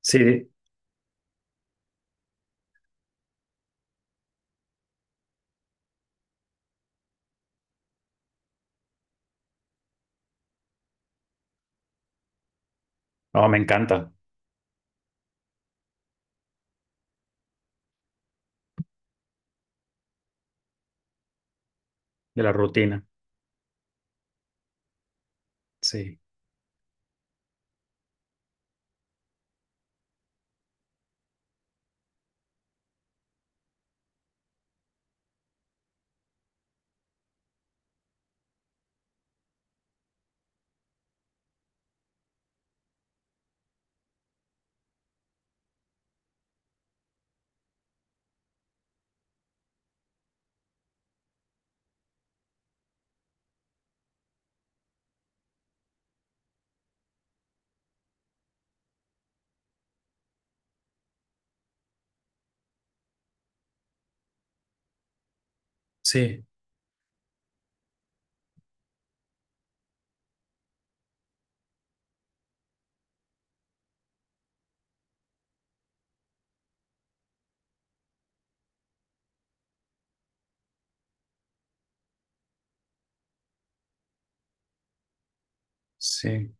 Sí, no, me encanta de la rutina. Sí, sí, sí.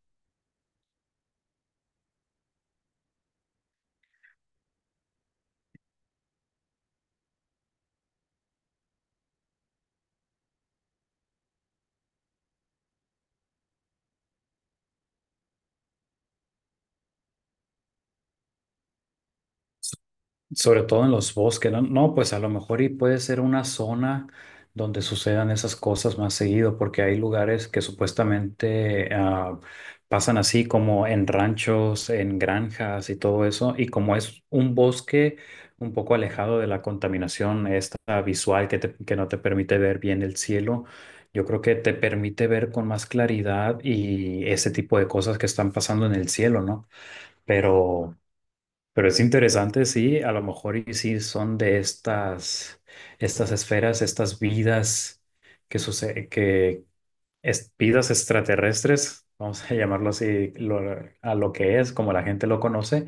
Sobre todo en los bosques, ¿no? No, pues a lo mejor y puede ser una zona donde sucedan esas cosas más seguido, porque hay lugares que supuestamente pasan así como en ranchos, en granjas y todo eso, y como es un bosque un poco alejado de la contaminación esta visual que, que no te permite ver bien el cielo, yo creo que te permite ver con más claridad y ese tipo de cosas que están pasando en el cielo, ¿no? Pero... Pero es interesante, sí, a lo mejor y sí son de estas esferas, estas vidas que sucede, que vidas extraterrestres, vamos a llamarlo así, a lo que es, como la gente lo conoce,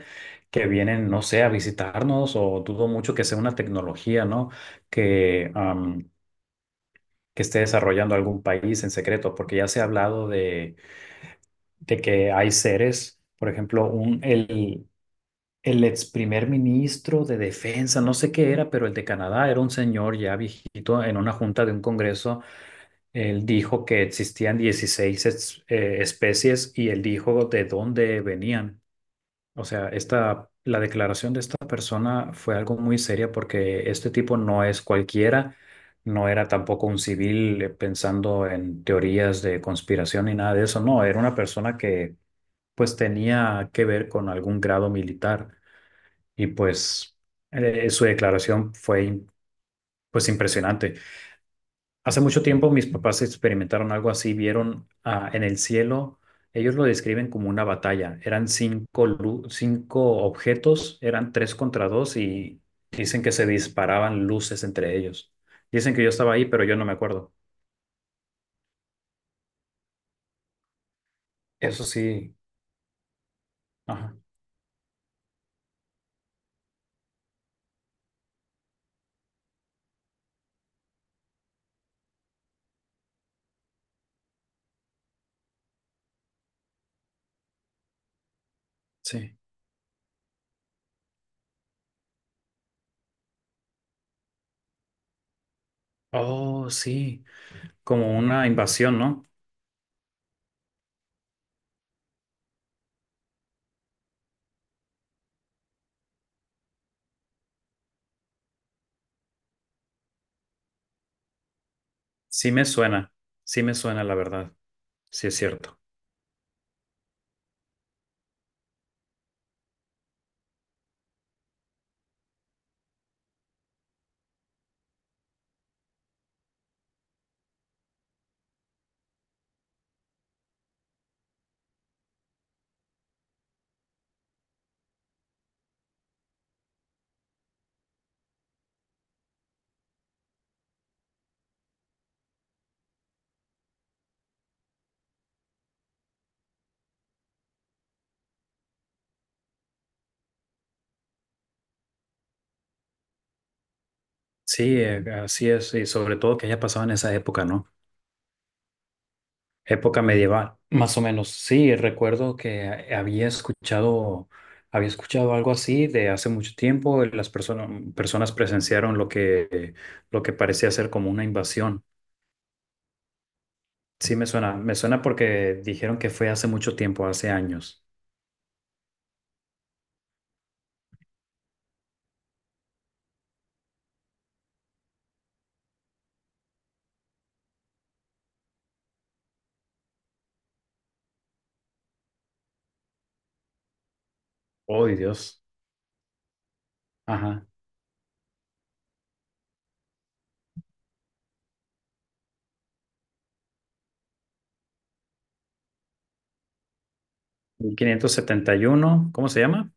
que vienen, no sé, a visitarnos, o dudo mucho que sea una tecnología, ¿no? Que, que esté desarrollando algún país en secreto, porque ya se ha hablado de, que hay seres, por ejemplo, el ex primer ministro de defensa, no sé qué era, pero el de Canadá era un señor ya viejito. En una junta de un congreso, él dijo que existían 16 especies y él dijo de dónde venían. O sea, la declaración de esta persona fue algo muy seria porque este tipo no es cualquiera, no era tampoco un civil pensando en teorías de conspiración ni nada de eso. No, era una persona que pues tenía que ver con algún grado militar. Y pues su declaración fue pues impresionante. Hace mucho tiempo mis papás experimentaron algo así, vieron en el cielo, ellos lo describen como una batalla. Eran cinco objetos, eran tres contra dos y dicen que se disparaban luces entre ellos. Dicen que yo estaba ahí, pero yo no me acuerdo. Eso sí, ajá, sí. Oh, sí, como una invasión, ¿no? Sí me suena, sí me suena la verdad, sí es cierto. Sí, así es, y sobre todo que haya pasado en esa época, ¿no? Época medieval, más o menos. Sí, recuerdo que había escuchado algo así de hace mucho tiempo. Las personas presenciaron lo que parecía ser como una invasión. Sí, me suena porque dijeron que fue hace mucho tiempo, hace años. Oh, Dios. Ajá. 1571. ¿Cómo se llama?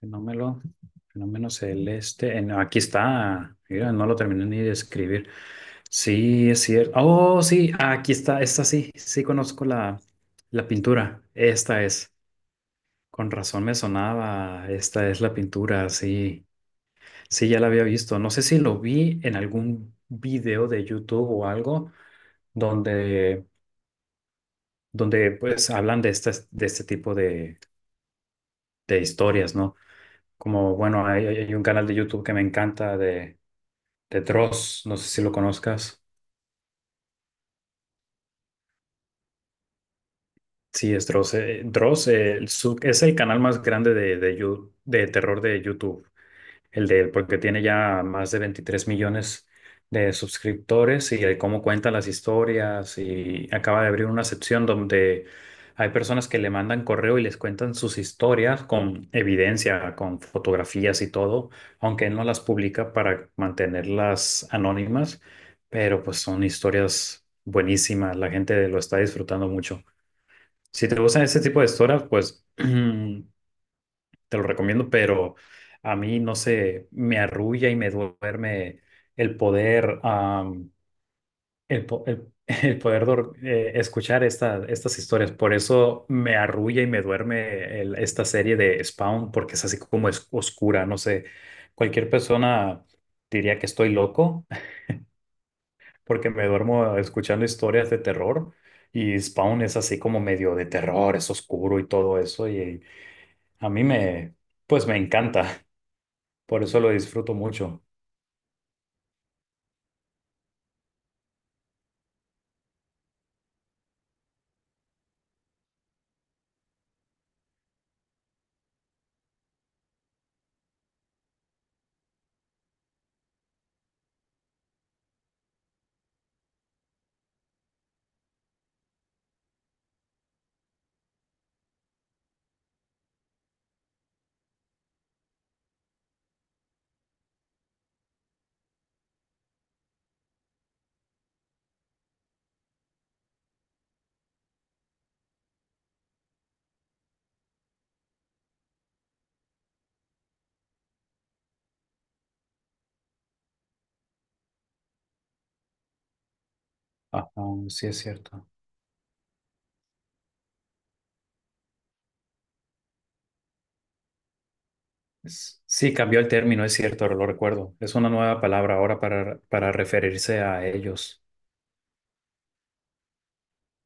Fenómeno, fenómeno celeste. Aquí está. Mira, no lo terminé ni de escribir. Sí, es cierto. Oh, sí, aquí está, esta sí, sí conozco la, la pintura. Esta es. Con razón me sonaba. Esta es la pintura, sí. Sí, ya la había visto. No sé si lo vi en algún video de YouTube o algo donde, donde pues hablan de este tipo de historias, ¿no? Como, bueno, hay un canal de YouTube que me encanta de Dross, no sé si lo conozcas. Sí, es Dross. Dross, es el canal más grande de terror de YouTube, el de él, porque tiene ya más de 23 millones de suscriptores y el cómo cuenta las historias y acaba de abrir una sección donde hay personas que le mandan correo y les cuentan sus historias con evidencia, con fotografías y todo, aunque él no las publica para mantenerlas anónimas, pero pues son historias buenísimas, la gente lo está disfrutando mucho. Si te gustan ese tipo de historias, pues te lo recomiendo, pero a mí no sé, me arrulla y me duerme el poder, am, el, po- el- el poder escuchar estas historias. Por eso me arrulla y me duerme esta serie de Spawn, porque es así como es oscura, no sé. Cualquier persona diría que estoy loco, porque me duermo escuchando historias de terror. Y Spawn es así como medio de terror, es oscuro y todo eso. Y A mí me, pues me encanta, por eso lo disfruto mucho. Ajá, sí es cierto. Sí, cambió el término, es cierto, lo recuerdo. Es una nueva palabra ahora para referirse a ellos.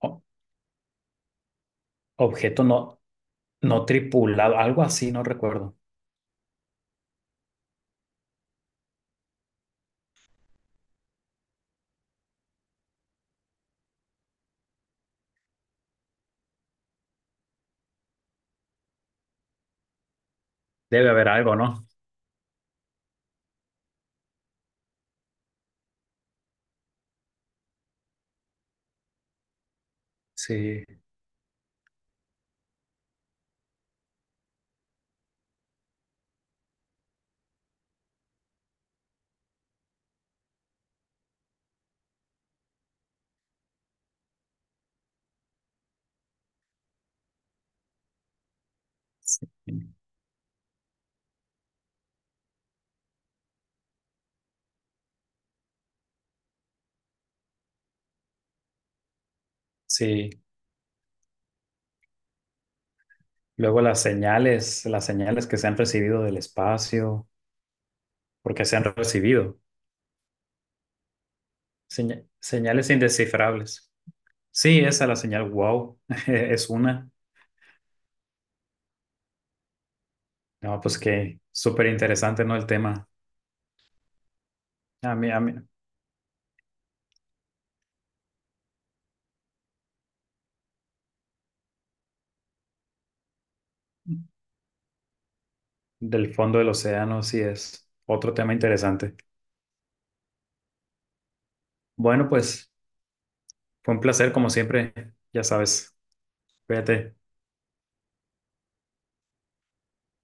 O- objeto no, no tripulado, algo así, no recuerdo. Debe haber algo, ¿no? Sí, sí, sí. Luego las señales que se han recibido del espacio, porque se han recibido. Señales indescifrables. Sí, esa es la señal wow, es una. No, pues que súper interesante, ¿no? El tema. A mí, del fondo del océano sí es otro tema interesante. Bueno, pues fue un placer como siempre, ya sabes. Cuídate.